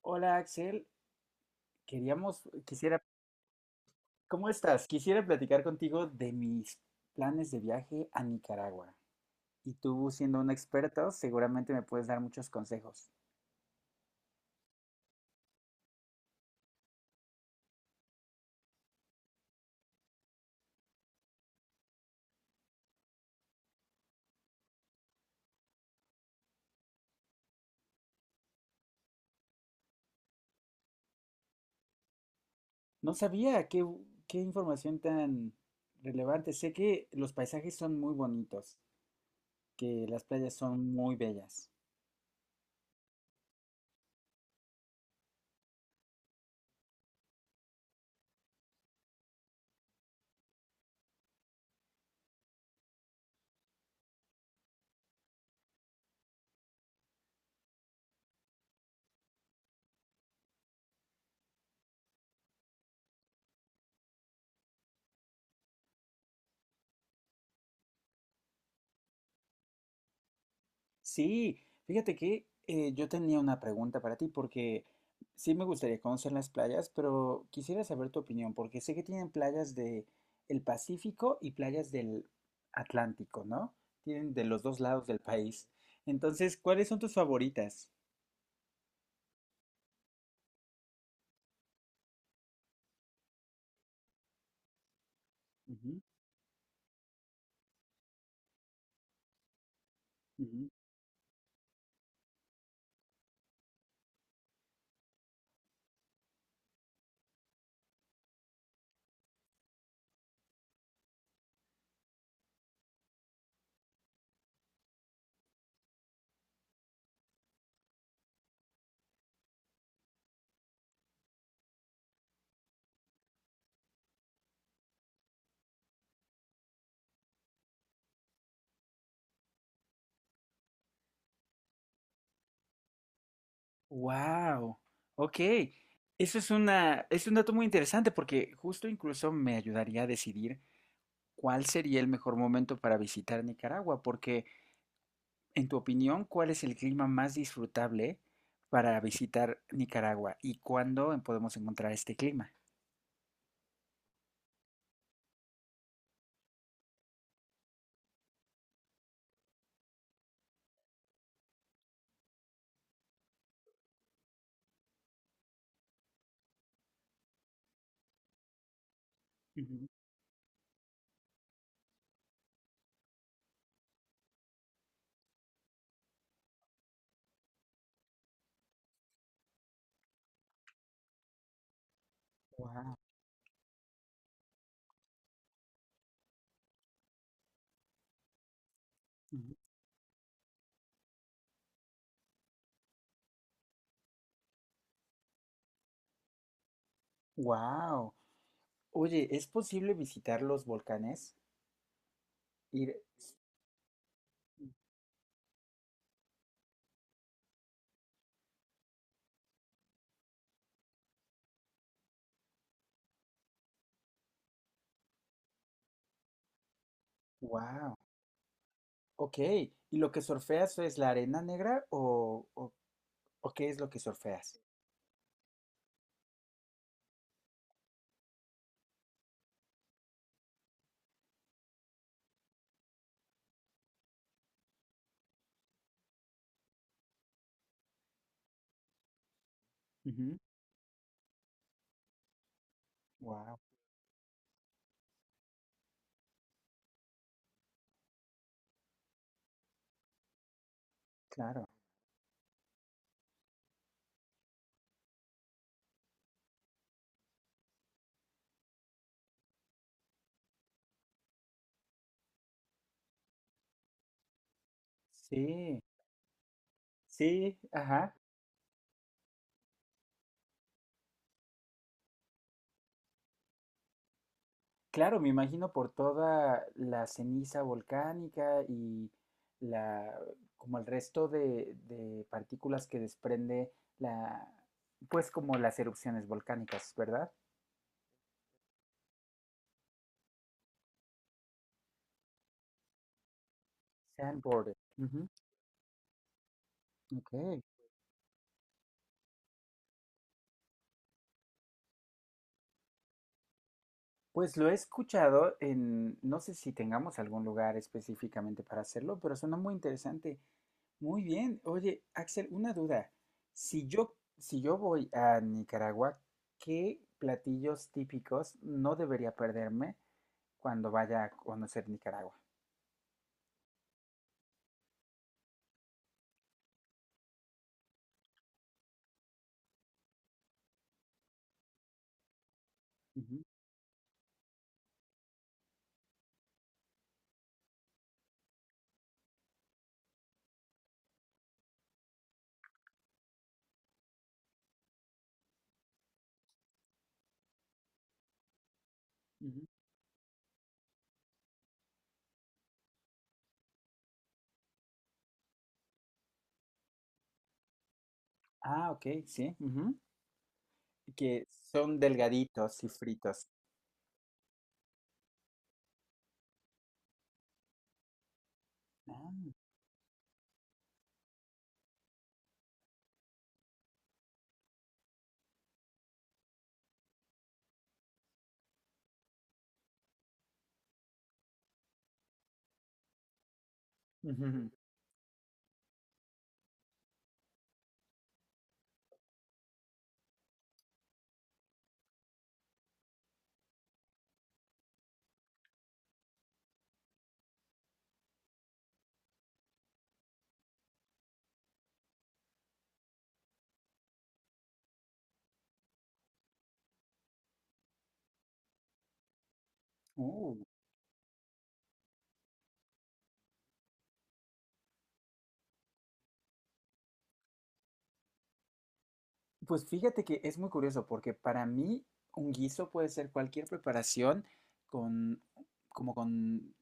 Hola Axel, queríamos, quisiera, ¿cómo estás? Quisiera platicar contigo de mis planes de viaje a Nicaragua. Y tú, siendo un experto, seguramente me puedes dar muchos consejos. No sabía qué información tan relevante. Sé que los paisajes son muy bonitos, que las playas son muy bellas. Sí, fíjate que yo tenía una pregunta para ti porque sí me gustaría conocer las playas, pero quisiera saber tu opinión porque sé que tienen playas del Pacífico y playas del Atlántico, ¿no? Tienen de los dos lados del país. Entonces, ¿cuáles son tus favoritas? Ujú, ujú. Wow, ok. Es un dato muy interesante porque justo incluso me ayudaría a decidir cuál sería el mejor momento para visitar Nicaragua, porque en tu opinión, ¿cuál es el clima más disfrutable para visitar Nicaragua y cuándo podemos encontrar este clima? Ujú. Wow. Ujú. Wow. Oye, ¿es posible visitar los volcanes? Ir... Wow. Ok. ¿Y lo que surfeas es la arena negra o qué es lo que surfeas? Wow. Claro. Sí. Sí. Ajá. Claro, me imagino por toda la ceniza volcánica y la, como el resto de partículas que desprende la, pues como las erupciones volcánicas, ¿verdad? Sandboard. Ujú, ok. Pues lo he escuchado en, no sé si tengamos algún lugar específicamente para hacerlo, pero suena muy interesante. Muy bien. Oye, Axel, una duda. Si yo voy a Nicaragua, ¿qué platillos típicos no debería perderme cuando vaya a conocer Nicaragua? Ujú, ujú. Ah, ok, sí, ujú. Que son delgaditos y fritos. Ah, ujú. Uh. Pues fíjate que es muy curioso porque para mí un guiso puede ser cualquier preparación con como con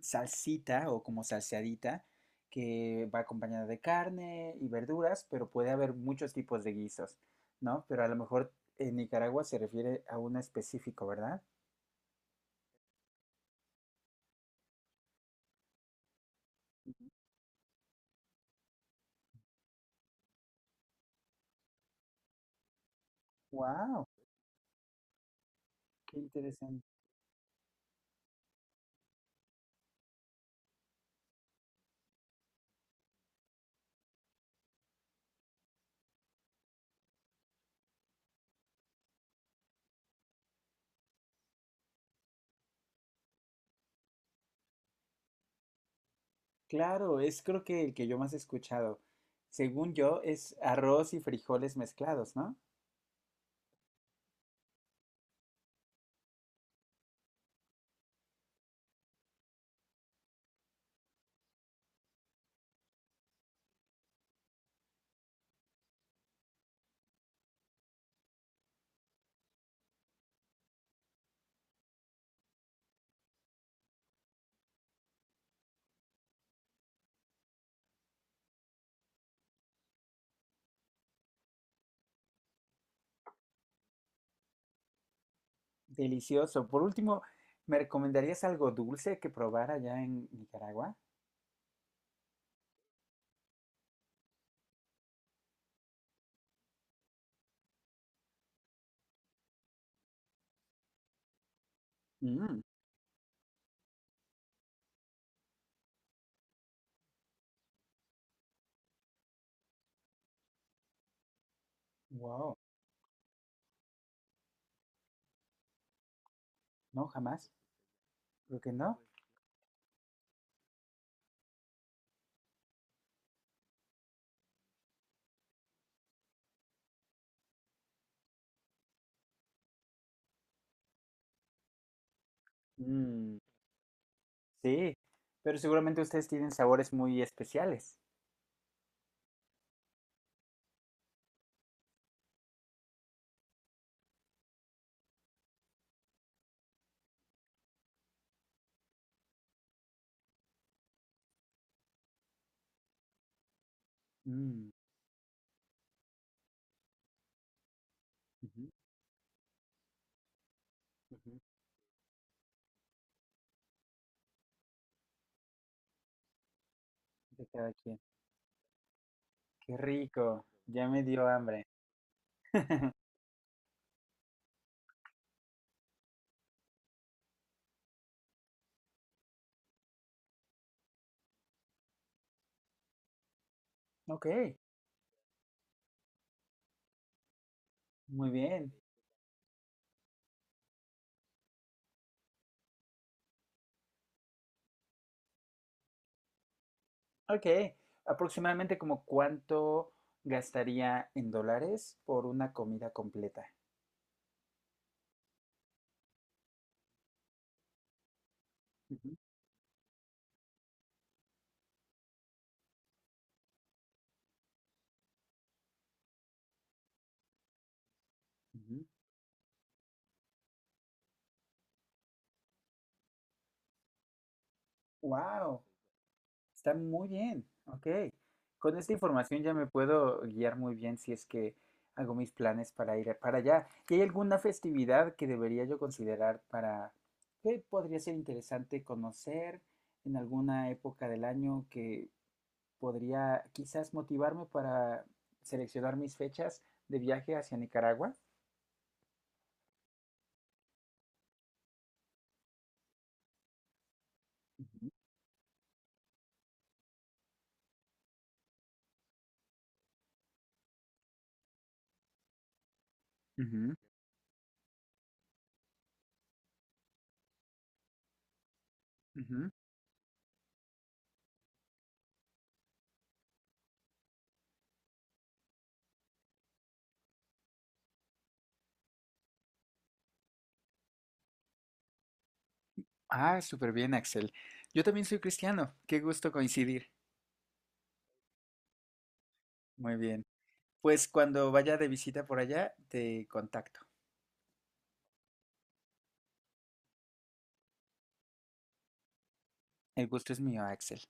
salsita o como salseadita que va acompañada de carne y verduras, pero puede haber muchos tipos de guisos, ¿no? Pero a lo mejor en Nicaragua se refiere a uno específico, ¿verdad? Wow, qué interesante. Claro, es creo que el que yo más he escuchado. Según yo es arroz y frijoles mezclados, ¿no? Delicioso. Por último, ¿me recomendarías algo dulce que probara allá en Nicaragua? Mm, wow. No, jamás. Creo que no. Mm, sí, pero seguramente ustedes tienen sabores muy especiales. Mm, ujú, ujú. De cada quien. Qué rico. Ya me dio hambre. Ok, muy bien. Ok, aproximadamente como cuánto gastaría en dólares por una comida completa. Wow. Está muy bien, ok. Con esta información ya me puedo guiar muy bien si es que hago mis planes para ir para allá. ¿Y hay alguna festividad que debería yo considerar para que podría ser interesante conocer en alguna época del año que podría quizás motivarme para seleccionar mis fechas de viaje hacia Nicaragua? Ujú, ujú, ujú. Ah, súper bien, Axel. Yo también soy cristiano. Qué gusto coincidir. Muy bien. Pues cuando vaya de visita por allá, te contacto. El gusto es mío, Axel.